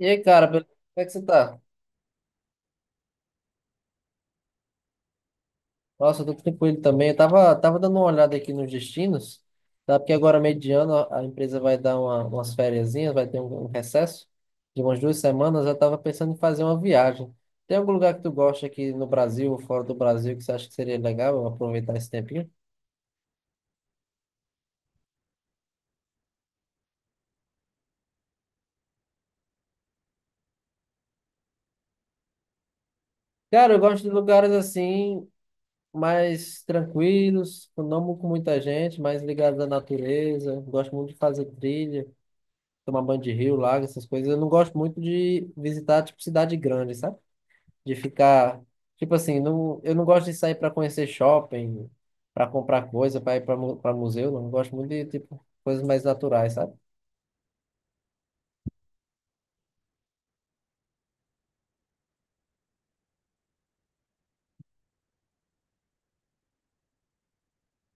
E aí, cara, beleza? Como é que você tá? Nossa, eu tô tranquilo também. Eu tava dando uma olhada aqui nos destinos, tá? Porque agora, mediano, a empresa vai dar umas fériasinhas, vai ter um recesso de umas duas semanas. Eu tava pensando em fazer uma viagem. Tem algum lugar que tu gosta aqui no Brasil ou fora do Brasil que você acha que seria legal eu aproveitar esse tempinho? Cara, eu gosto de lugares assim, mais tranquilos, não com muita gente, mais ligados à natureza. Gosto muito de fazer trilha. Tomar banho de rio, lago, essas coisas. Eu não gosto muito de visitar, tipo, cidade grande, sabe? De ficar, tipo assim, não, eu não gosto de sair para conhecer shopping, para comprar coisa, para ir para museu, não. Eu gosto muito de, tipo, coisas mais naturais, sabe?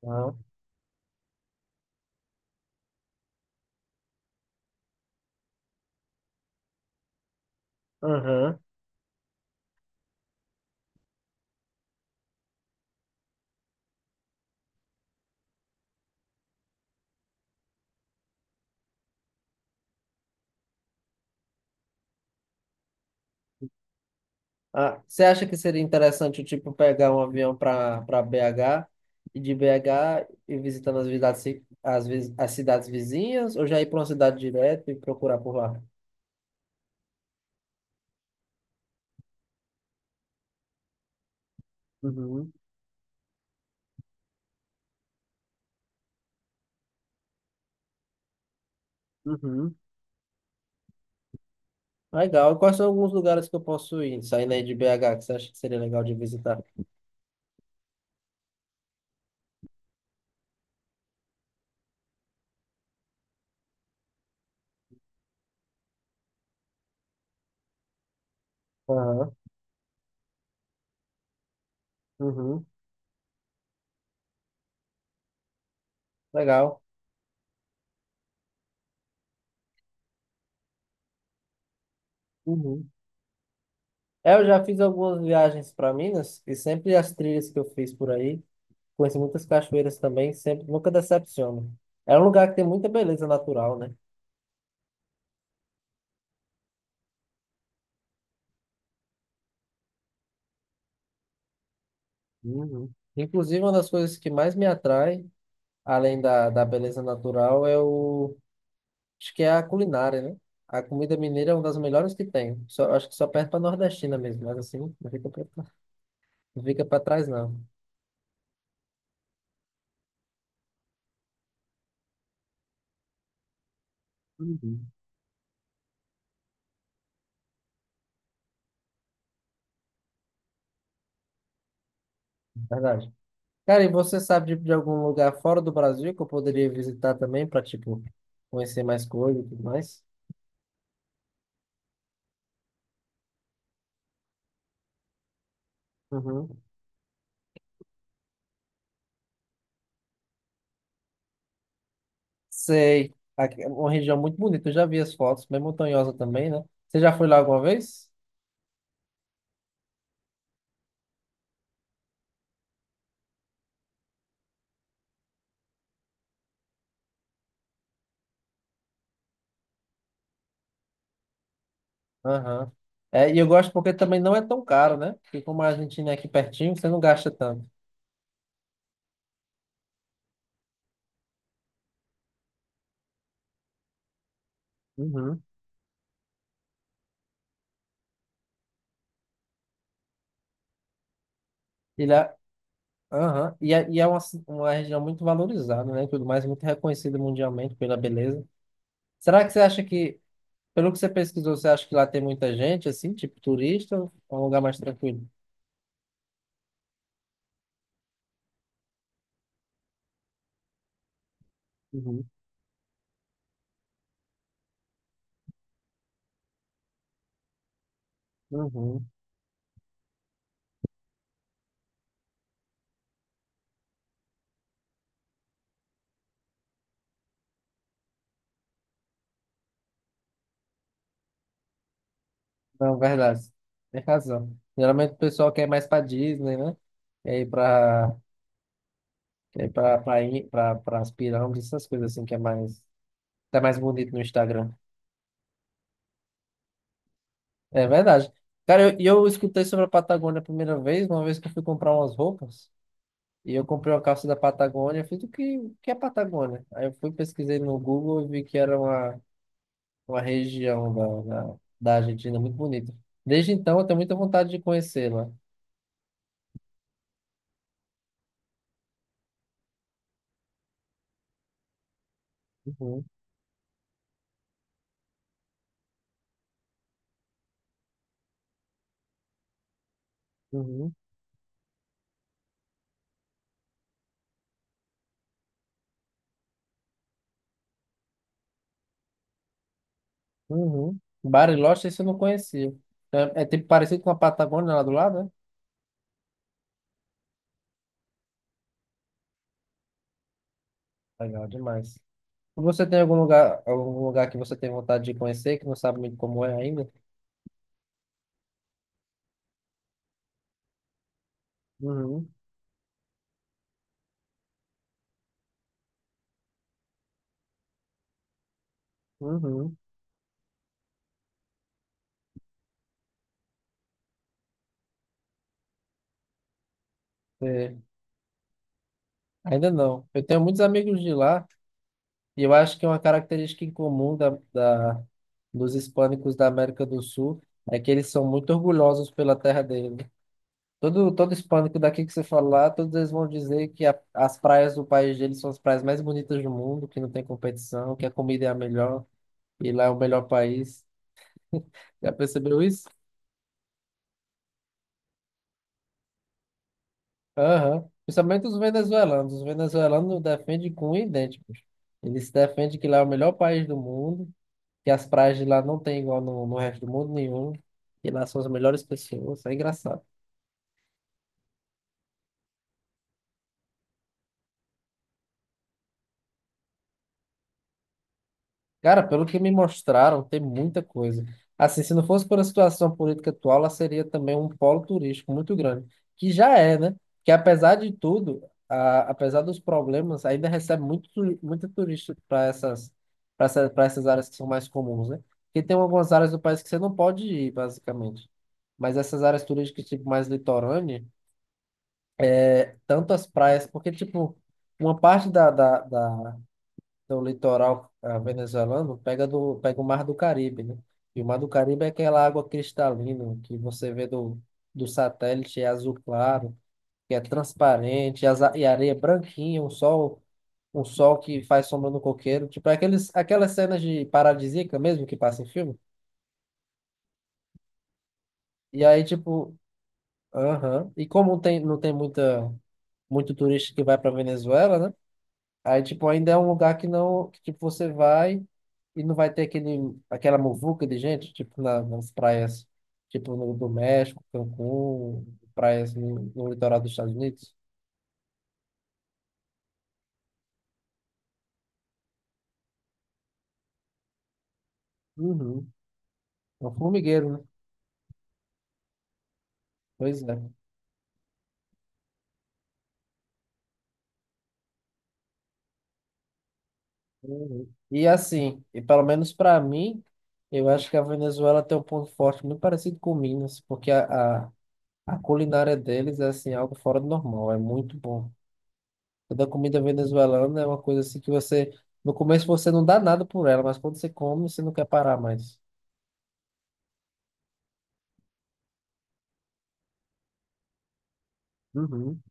Não. Aham. Ah, você acha que seria interessante, tipo, pegar um avião para BH e de BH ir visitando as cidades, as cidades vizinhas ou já ir para uma cidade direto e procurar por lá? Uhum, uhum. Legal. E quais são alguns lugares que eu posso ir, saindo aí de BH, que você acha que seria legal de visitar? Aham, uhum, legal. Uhum. É, eu já fiz algumas viagens para Minas e sempre as trilhas que eu fiz por aí, conheci muitas cachoeiras também, sempre nunca decepciono. É um lugar que tem muita beleza natural, né? Uhum. Inclusive, uma das coisas que mais me atrai, além da beleza natural, acho que é a culinária, né? A comida mineira é uma das melhores que tem. Só, acho que só perde para nordestina mesmo, mas assim, não fica. Não fica pra trás, não. Uhum. Verdade. Cara, e você sabe de algum lugar fora do Brasil que eu poderia visitar também para tipo, conhecer mais coisas e tudo mais? Uhum. Sei. Aqui é uma região muito bonita. Eu já vi as fotos, bem montanhosa também, né? Você já foi lá alguma vez? Aham. É, e eu gosto porque também não é tão caro, né? Porque como a Argentina é aqui pertinho, você não gasta tanto. Uhum. Ele é, aham. E é uma, uma região muito valorizada, né? E tudo mais, muito reconhecida mundialmente pela beleza. Será que você acha que Pelo que você pesquisou, você acha que lá tem muita gente, assim, tipo turista, ou é um lugar mais tranquilo? Uhum, uhum. Não, verdade. Tem razão. Geralmente o pessoal quer ir mais pra Disney, né? Quer ir pra, quer ir pra, pra, ir- pra, pras pirâmides, essas coisas assim que é mais, tá mais bonito no Instagram. É verdade. Cara, eu escutei sobre a Patagônia a primeira vez, uma vez que eu fui comprar umas roupas, e eu comprei uma calça da Patagônia, eu fiz o que é Patagônia? Aí eu fui, pesquisei no Google e vi que era uma região da Argentina muito bonita. Desde então, eu tenho muita vontade de conhecê-la. Uhum, uhum, uhum. Bariloche, esse eu não conhecia. É, é tipo parecido com a Patagônia lá do lado, né? Legal demais. Você tem algum lugar que você tem vontade de conhecer, que não sabe muito como é ainda? Uhum, uhum. É, ainda não. Eu tenho muitos amigos de lá, e eu acho que uma característica em comum dos hispânicos da América do Sul é que eles são muito orgulhosos pela terra deles. Todo hispânico daqui que você falar, todos eles vão dizer que as praias do país deles são as praias mais bonitas do mundo, que não tem competição, que a comida é a melhor e lá é o melhor país. Já percebeu isso? Aham. Principalmente os venezuelanos. Os venezuelanos defendem com idênticos. Eles defendem que lá é o melhor país do mundo, que as praias de lá não tem igual no resto do mundo nenhum, que lá são as melhores pessoas. É engraçado. Cara, pelo que me mostraram, tem muita coisa. Assim, se não fosse por a situação política atual, ela seria também um polo turístico muito grande, que já é, né? Que apesar de tudo, apesar dos problemas, ainda recebe muito, muito turista para essas, para essas áreas que são mais comuns, né? Porque tem algumas áreas do país que você não pode ir, basicamente. Mas essas áreas turísticas, tipo, mais litorânea, é, tanto as praias, porque, tipo, uma parte da do litoral venezuelano pega, pega o Mar do Caribe, né? E o Mar do Caribe é aquela água cristalina que você vê do satélite, é azul claro, que é transparente, e, e a areia é branquinha, um sol que faz sombra no coqueiro. Tipo, é aqueles, aquelas cenas de paradisíaca mesmo que passa em filme. E aí, tipo, aham. E como tem, não tem muita, muito turista que vai para Venezuela, né? Aí, tipo, ainda é um lugar que não, que, tipo, você vai e não vai ter aquele, aquela muvuca de gente, tipo, nas praias, tipo, no, do México, Cancún, praias no litoral dos Estados Unidos. Uhum. É um formigueiro, né? Pois é. Uhum. E assim, e pelo menos para mim, eu acho que a Venezuela tem um ponto forte muito parecido com Minas, porque a culinária deles é, assim, algo fora do normal, é muito bom. Toda comida venezuelana é uma coisa assim que você, no começo você não dá nada por ela, mas quando você come, você não quer parar mais. Uhum.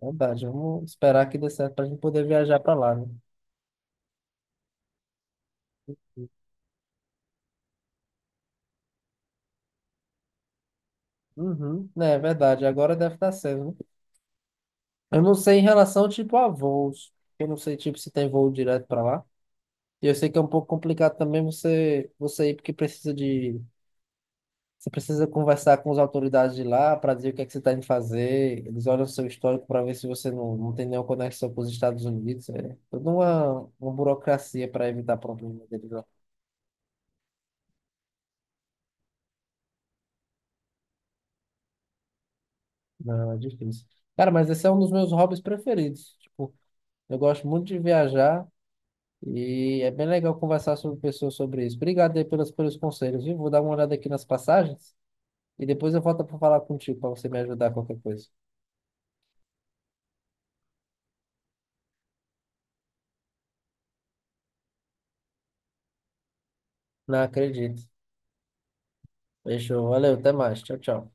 Verdade, vamos esperar que dê certo pra gente poder viajar pra lá, né? Uhum. É verdade, agora deve estar sendo, né? Eu não sei em relação, tipo, a voos. Eu não sei, tipo, se tem voo direto pra lá. E eu sei que é um pouco complicado também você ir porque precisa de. Você precisa conversar com as autoridades de lá para dizer o que é que você está indo fazer. Eles olham o seu histórico para ver se você não tem nenhuma conexão com os Estados Unidos. É toda uma burocracia para evitar problemas deles lá. Não, é difícil. Cara, mas esse é um dos meus hobbies preferidos. Tipo, eu gosto muito de viajar e é bem legal conversar sobre pessoas sobre isso. Obrigado aí pelos conselhos, viu? Vou dar uma olhada aqui nas passagens e depois eu volto para falar contigo para você me ajudar a qualquer coisa. Não acredito. Fechou. Valeu, até mais. Tchau, tchau.